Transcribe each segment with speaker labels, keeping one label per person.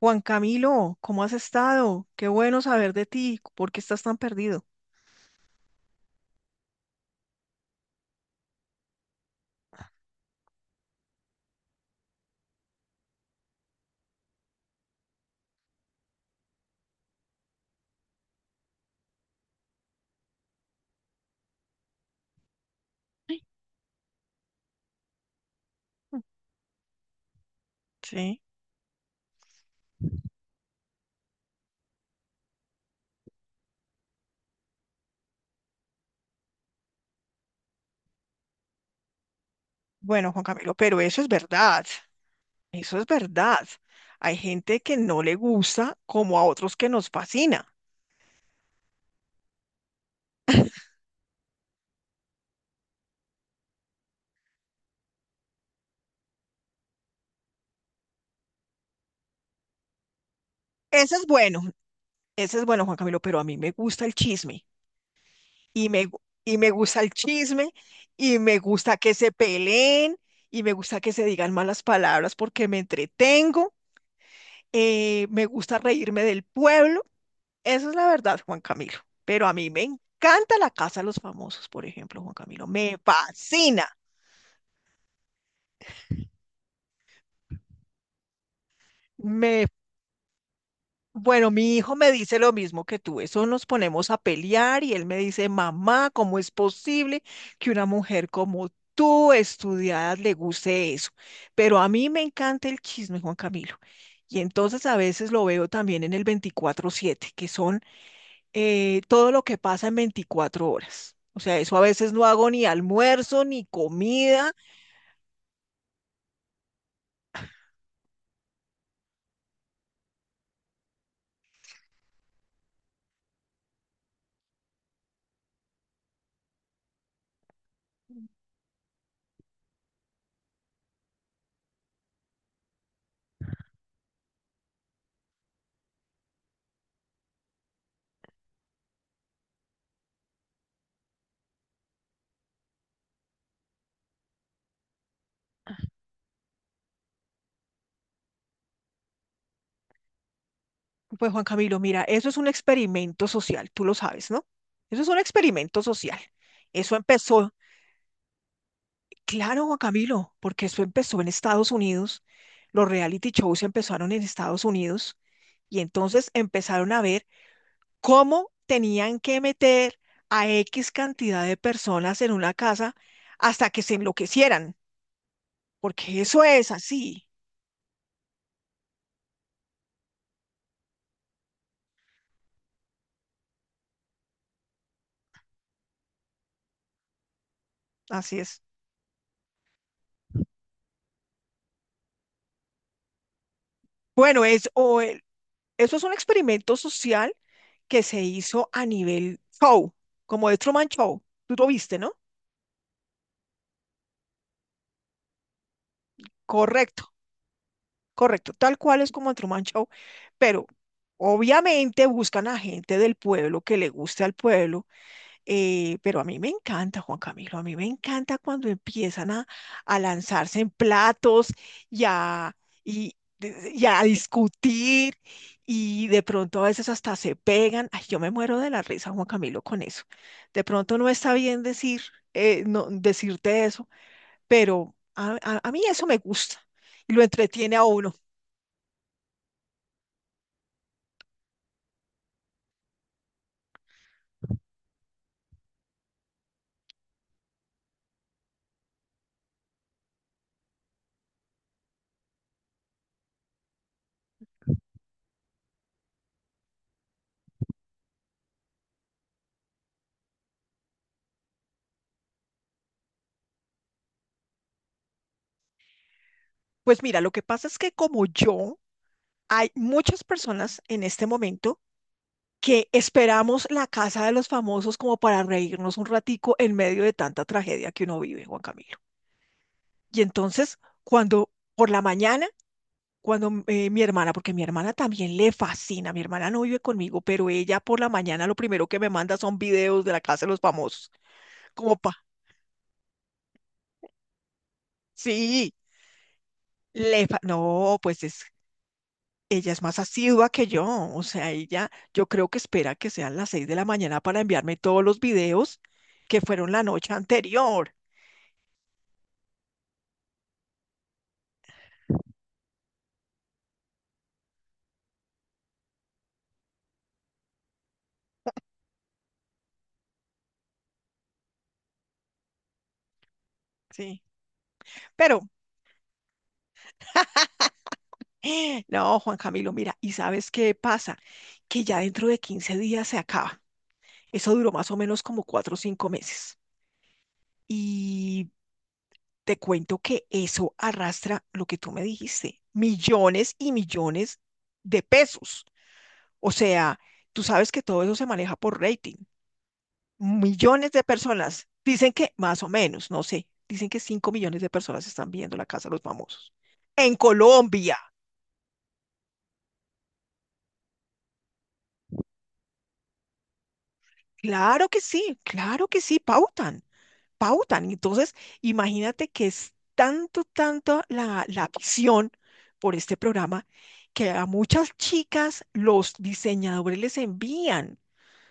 Speaker 1: Juan Camilo, ¿cómo has estado? Qué bueno saber de ti. ¿Por qué estás tan perdido? Sí. Bueno, Juan Camilo, pero eso es verdad. Eso es verdad. Hay gente que no le gusta como a otros que nos fascina. Ese es bueno, ese es bueno, Juan Camilo, pero a mí me gusta el chisme. Y me gusta el chisme, y me gusta que se peleen, y me gusta que se digan malas palabras porque me entretengo. Me gusta reírme del pueblo. Eso es la verdad, Juan Camilo. Pero a mí me encanta la casa de los famosos, por ejemplo, Juan Camilo. Me fascina. Me, bueno, mi hijo me dice lo mismo que tú. Eso nos ponemos a pelear y él me dice, mamá, ¿cómo es posible que una mujer como tú, estudiada, le guste eso? Pero a mí me encanta el chisme, Juan Camilo. Y entonces a veces lo veo también en el 24/7, que son todo lo que pasa en 24 horas. O sea, eso a veces no hago ni almuerzo, ni comida. Pues Juan Camilo, mira, eso es un experimento social, tú lo sabes, ¿no? Eso es un experimento social. Eso empezó, claro, Juan Camilo, porque eso empezó en Estados Unidos. Los reality shows empezaron en Estados Unidos y entonces empezaron a ver cómo tenían que meter a X cantidad de personas en una casa hasta que se enloquecieran, porque eso es así. Así es. Bueno, es, o el- Eso es un experimento social que se hizo a nivel show, como de Truman Show. Tú lo viste, ¿no? Correcto, correcto. Tal cual es como el Truman Show, pero obviamente buscan a gente del pueblo que le guste al pueblo. Pero a mí me encanta, Juan Camilo, a mí me encanta cuando empiezan a lanzarse en platos y a, y a discutir y de pronto a veces hasta se pegan. Ay, yo me muero de la risa, Juan Camilo, con eso. De pronto no está bien decir, no, decirte eso, pero a mí eso me gusta y lo entretiene a uno. Pues mira, lo que pasa es que como yo, hay muchas personas en este momento que esperamos la casa de los famosos como para reírnos un ratico en medio de tanta tragedia que uno vive, Juan Camilo. Y entonces, cuando por la mañana, cuando mi hermana, porque mi hermana también le fascina, mi hermana no vive conmigo, pero ella por la mañana lo primero que me manda son videos de la casa de los famosos, como pa, sí, no, pues es, ella es más asidua que yo, o sea, ella, yo creo que espera que sean las 6 de la mañana para enviarme todos los videos que fueron la noche anterior, sí, pero no, Juan Camilo, mira, ¿y sabes qué pasa? Que ya dentro de 15 días se acaba. Eso duró más o menos como 4 o 5 meses. Y te cuento que eso arrastra lo que tú me dijiste, millones y millones de pesos. O sea, tú sabes que todo eso se maneja por rating. Millones de personas, dicen que más o menos, no sé, dicen que 5 millones de personas están viendo La Casa de los Famosos. En Colombia. Claro que sí, pautan. Pautan. Entonces, imagínate que es tanto, tanto la visión por este programa que a muchas chicas los diseñadores les envían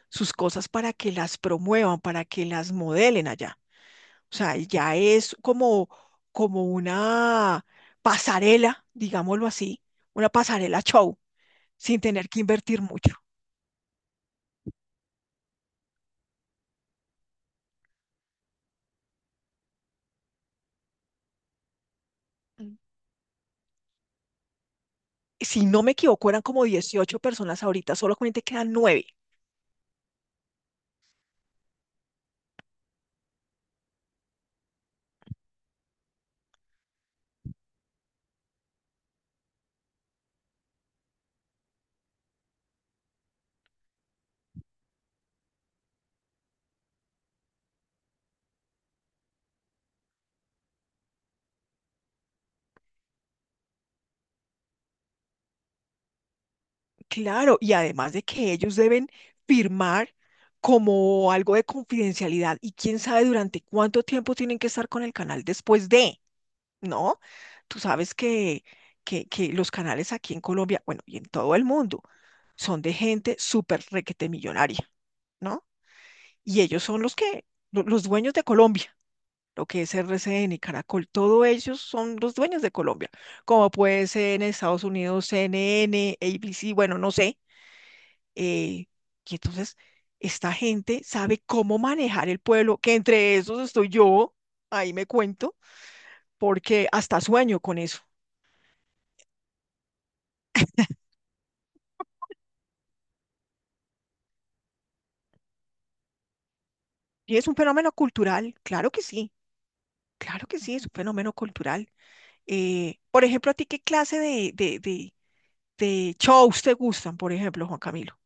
Speaker 1: sus cosas para que las promuevan, para que las modelen allá. O sea, ya es como, como una pasarela, digámoslo así, una pasarela show, sin tener que invertir mucho. Mm, si no me equivoco, eran como 18 personas ahorita, solamente quedan 9. Claro, y además de que ellos deben firmar como algo de confidencialidad y quién sabe durante cuánto tiempo tienen que estar con el canal después de, ¿no? Tú sabes que los canales aquí en Colombia, bueno, y en todo el mundo, son de gente súper requete millonaria, ¿no? Y ellos son los los dueños de Colombia, lo que es RCN y Caracol, todos ellos son los dueños de Colombia, como puede ser en Estados Unidos, CNN, ABC, bueno, no sé eh, y entonces esta gente sabe cómo manejar el pueblo, que entre esos estoy yo, ahí me cuento, porque hasta sueño con eso. Y es un fenómeno cultural, claro que sí, es un fenómeno cultural. Por ejemplo, ¿a ti qué clase de shows te gustan, por ejemplo, Juan Camilo?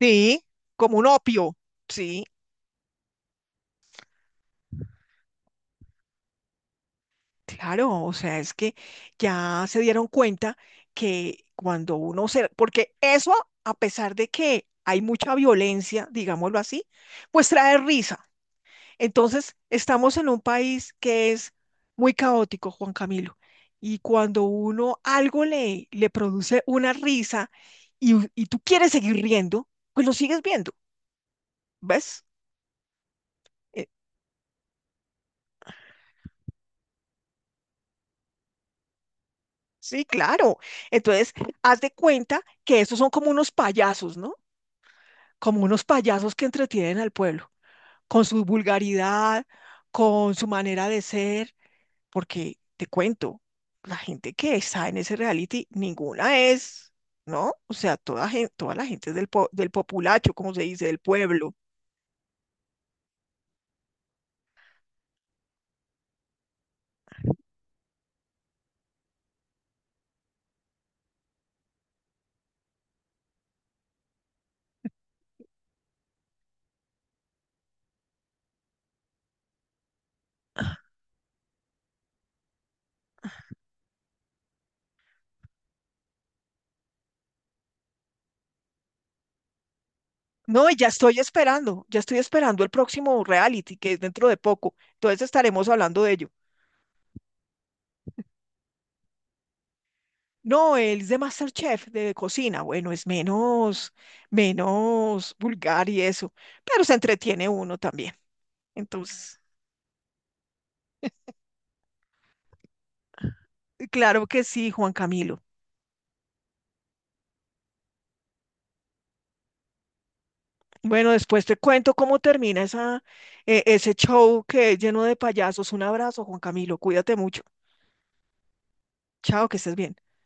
Speaker 1: Sí, como un opio. Sí, claro, o sea, es que ya se dieron cuenta que cuando uno se... Porque eso, a pesar de que hay mucha violencia, digámoslo así, pues trae risa. Entonces, estamos en un país que es muy caótico, Juan Camilo, y cuando uno algo le produce una risa y tú quieres seguir riendo, pues lo sigues viendo, ¿ves? Eh, sí, claro. Entonces, haz de cuenta que esos son como unos payasos, ¿no? Como unos payasos que entretienen al pueblo, con su vulgaridad, con su manera de ser. Porque te cuento, la gente que está en ese reality, ninguna es, ¿no? O sea, toda la gente es del populacho, como se dice, del pueblo. No, y ya estoy esperando el próximo reality, que es dentro de poco. Entonces estaremos hablando de ello. No, él es de MasterChef, de cocina. Bueno, es menos, menos vulgar y eso, pero se entretiene uno también. Entonces, claro que sí, Juan Camilo. Bueno, después te cuento cómo termina esa, ese show que es lleno de payasos. Un abrazo, Juan Camilo. Cuídate mucho. Chao, que estés bien.